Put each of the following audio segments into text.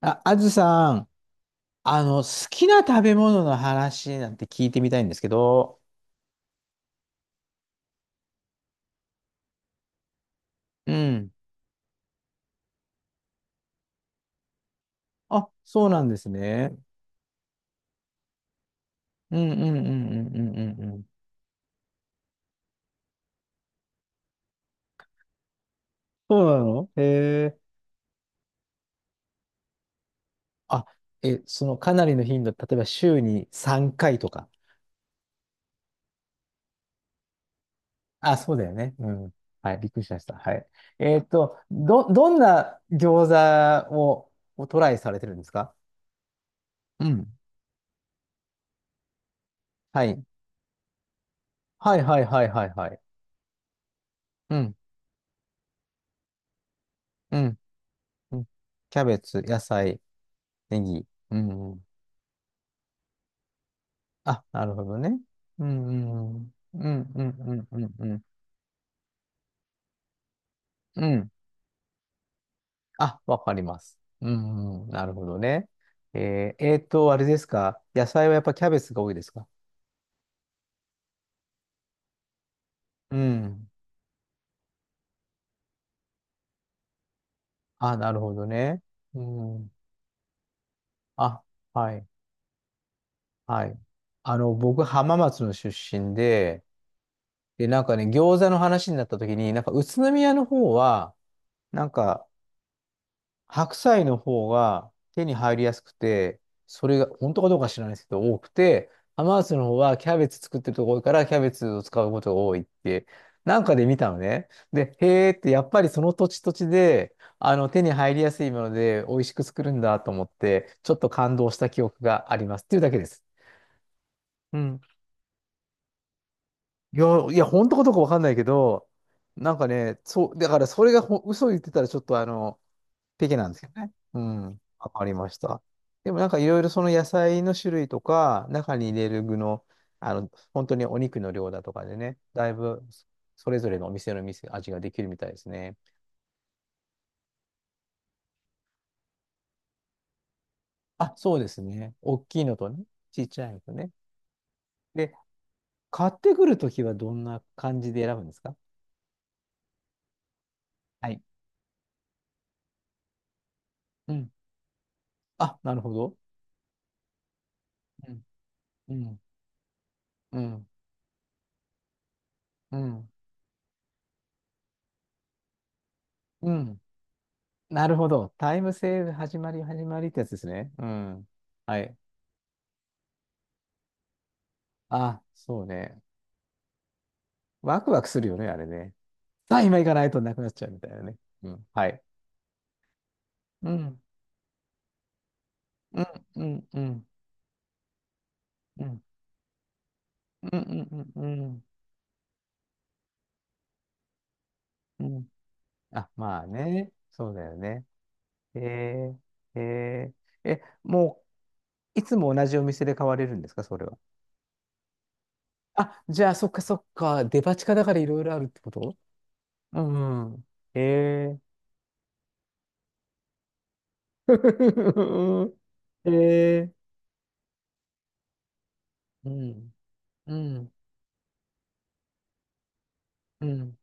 あ、あずさん、好きな食べ物の話なんて聞いてみたいんですけど。うん。あ、そうなんですね。うんうんうんうんうんうんうん。そうなのへえ。あ、え、そのかなりの頻度、例えば週に3回とか。あ、そうだよね。うん。はい、びっくりしました。はい。どんな餃子を、をトライされてるんですか？うん。はい。はいはいはいはいはい。うん。うん。うん。キャベツ、野菜。ネギ。うん、うん。あ、なるほどね。うん、うん、うん。うん、うん、うん、うん。うん。うん。あ、わかります。うん、うん。なるほどね。あれですか？野菜はやっぱキャベツが多いですか？うん。あ、なるほどね。うん。あ、はい。はい。あの、僕、浜松の出身で、で、なんかね、餃子の話になった時に、なんか宇都宮の方は、なんか、白菜の方が手に入りやすくて、それが本当かどうか知らないですけど、多くて、アマースの方はキャベツ作ってるところからキャベツを使うことが多いって、なんかで見たのね。で、へーって、やっぱりその土地土地で、あの、手に入りやすいもので美味しく作るんだと思って、ちょっと感動した記憶がありますっていうだけです。うん。いや、いや、本当かどうかわかんないけど、なんかね、そう、だからそれがほ嘘言ってたらちょっとあの、的なんですよね。うん。わかりました。でもなんかいろいろその野菜の種類とか、中に入れる具の、あの、本当にお肉の量だとかでね、だいぶそれぞれのお店の店、味ができるみたいですね。あ、そうですね。大きいのとね、ちっちゃいのとね。で、買ってくるときはどんな感じで選ぶんですか？はい。うん。あ、なるほど。うん。うん。うん。うん。うん。なるほど。タイムセール始まり始まりってやつですね。うん。はい。あ、そうね。ワクワクするよね、あれね。さあ、今行かないとなくなっちゃうみたいなね。うん。はい。うん、うん、うん、うん、うん、うん、うん、うん、うん。うん。あ、まあね。そうだよね。えー、えもう、いつも同じお店で買われるんですか、それは。あ、じゃあ、そっかそっか。デパ地下だからいろいろあるってこと？うんうん。えー。えー。うん、うん、うん。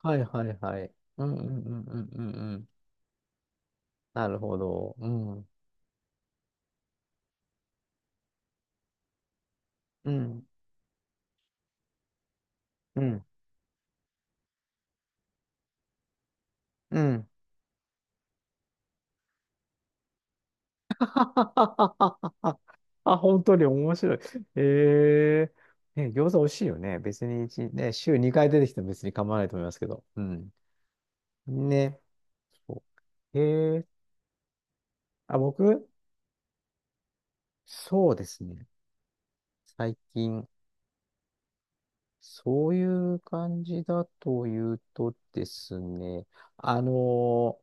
はいはいはい。うん、うん、うん、うん、うん。うん。なるほど。うん。うん。うん。うん。はははははは。あ、本当に面白い。ええ、ね、餃子美味しいよね。別に一、ね、週2回出てきても別に構わないと思いますけど。うん。ね。そう。ええ。あ、僕、そうですね。最近、そういう感じだというとですね、あのー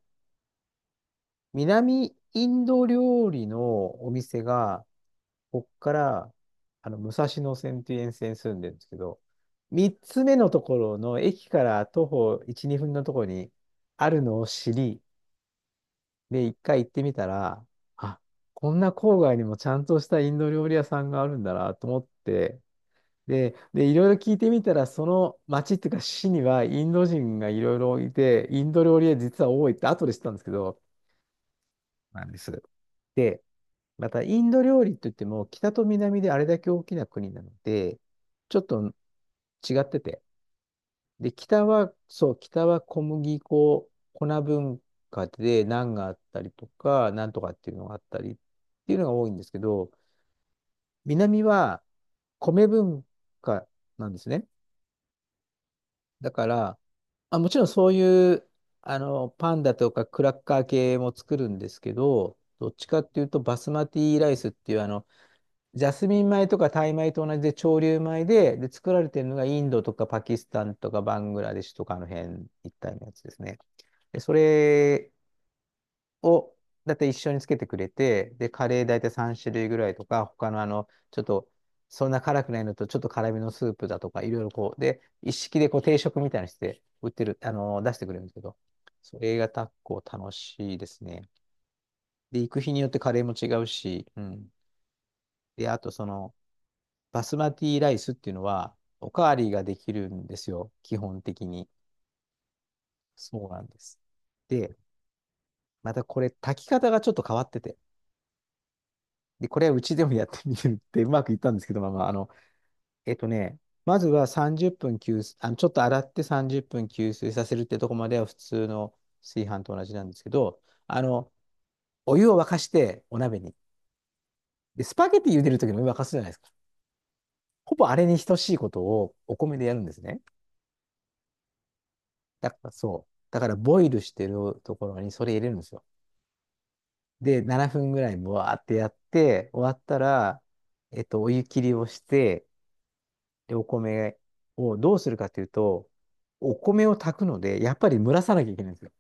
南インド料理のお店が、こっから、あの、武蔵野線っていう沿線に住んでるんですけど、3つ目のところの駅から徒歩1、2分のところにあるのを知り、で、一回行ってみたら、あ、こんな郊外にもちゃんとしたインド料理屋さんがあるんだなと思って、で、いろいろ聞いてみたら、その町っていうか市にはインド人がいろいろいて、インド料理屋実は多いって後で知ったんですけど、なんです。で、また、インド料理といっても、北と南であれだけ大きな国なので、ちょっと違ってて。で、北は、そう、北は小麦粉、粉文化でナンがあったりとか、なんとかっていうのがあったりっていうのが多いんですけど、南は米文化なんですね。だから、あ、もちろんそういう、あの、パンだとかクラッカー系も作るんですけど、どっちかっていうと、バスマティライスっていう、あの、ジャスミン米とかタイ米と同じで潮流米で、で、作られてるのがインドとかパキスタンとかバングラデシュとかの辺一帯のやつですね。で、それをだいたい一緒につけてくれて、で、カレーだいたい3種類ぐらいとか、他のあの、ちょっと、そんな辛くないのと、ちょっと辛めのスープだとか、いろいろこう、で、一式でこう定食みたいにして売ってる、あの、出してくれるんですけど、それが結構楽しいですね。で、行く日によってカレーも違うし、うん。で、あとその、バスマティライスっていうのは、おかわりができるんですよ、基本的に。そうなんです。で、またこれ、炊き方がちょっと変わってて、で、これはうちでもやってみるってうまくいったんですけど、まあまあ、あの、えっとね、まずは30分吸水、あの、ちょっと洗って30分吸水させるってとこまでは普通の炊飯と同じなんですけど、あの、お湯を沸かしてお鍋に。で、スパゲティ茹でるときのお湯沸かすじゃないですか。ほぼあれに等しいことをお米でやるんですね。だからそう。だからボイルしてるところにそれ入れるんですよ。で、7分ぐらいもわーってやって、終わったら、お湯切りをして、で、お米をどうするかというと、お米を炊くので、やっぱり蒸らさなきゃいけないんですよ。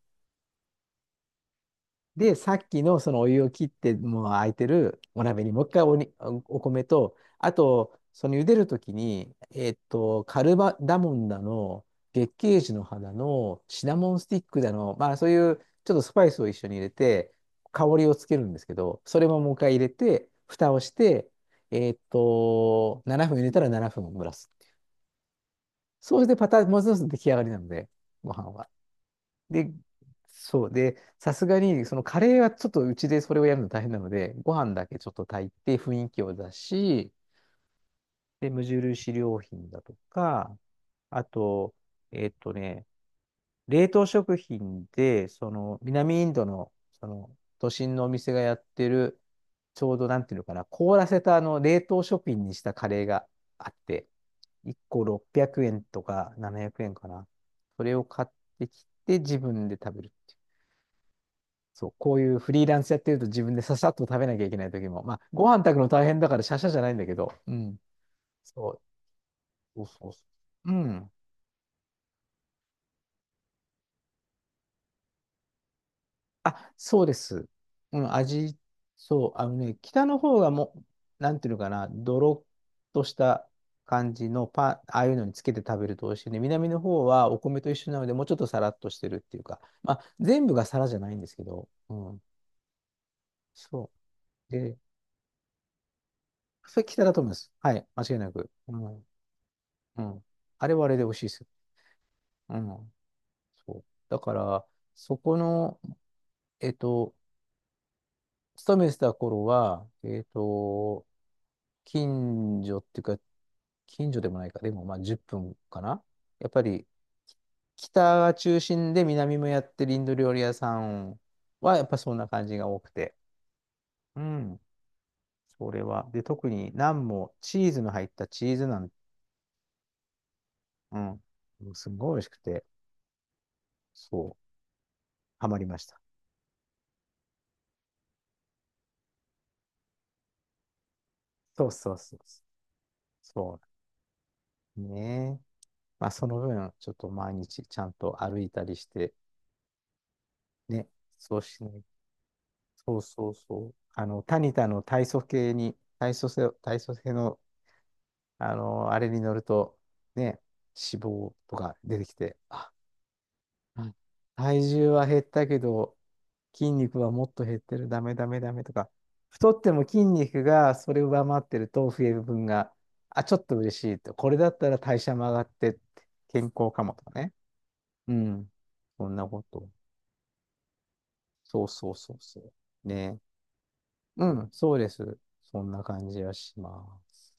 で、さっきのそのお湯を切って、もう空いてるお鍋にもう一回おに、お米と、あと、その茹でるときに、えっと、カルバダモンだの、月桂樹の花の、シナモンスティックだの、まあそういうちょっとスパイスを一緒に入れて、香りをつけるんですけど、それももう一回入れて、蓋をして、7分入れたら7分蒸らす。そうしてパターン、もう一つ出来上がりなので、ご飯は。で、そう。で、さすがに、そのカレーはちょっとうちでそれをやるの大変なので、ご飯だけちょっと炊いて雰囲気を出し、で、無印良品だとか、あと、えっとね、冷凍食品で、その、南インドの、その、都心のお店がやってる、ちょうどなんていうのかな、凍らせたあの、冷凍食品にしたカレーがあって、1個600円とか700円かな。それを買ってきて、自分で食べる。そう、こういうフリーランスやってると自分でささっと食べなきゃいけない時も、まあ、ご飯炊くの大変だからシャシャじゃないんだけど、うん。そう、そうそうそう。うん。あ、そうです。うん、味、そう、あのね、北の方がもう、なんていうのかな、ドロッとした感じのパン、ああいうのにつけて食べると美味しいね。南の方はお米と一緒なので、もうちょっとサラッとしてるっていうか、まあ、全部がサラじゃないんですけど、うん。そう。で、それ北だと思います。はい、間違いなく。うん。うん。あれはあれで美味しいですよ。うん。そう。だから、そこの、えっと、勤めてた頃は、近所っていうか、近所でもないか、でもまあ10分かな。やっぱり、北が中心で南もやってるインド料理屋さんは、やっぱそんな感じが多くて。うん。それは。で、特にナンもチーズの入ったチーズナン、うん。もうすんごい美味しくて、そう、ハマりました。そうそうそうそう。そうね。まあ、その分、ちょっと毎日ちゃんと歩いたりして、ね、そうしない。そうそうそう。あの、タニタの体組系に、体組成、体組成の、あの、あれに乗ると、ね、脂肪とか出てきて、あ、うん、体重は減ったけど、筋肉はもっと減ってる、ダメダメダメとか、太っても筋肉がそれを上回ってると増える分が、あ、ちょっと嬉しいと。これだったら代謝も上がって、健康かもとかね。うん。そんなこと。そうそうそうそう。ね。うん、そうです。そんな感じはします。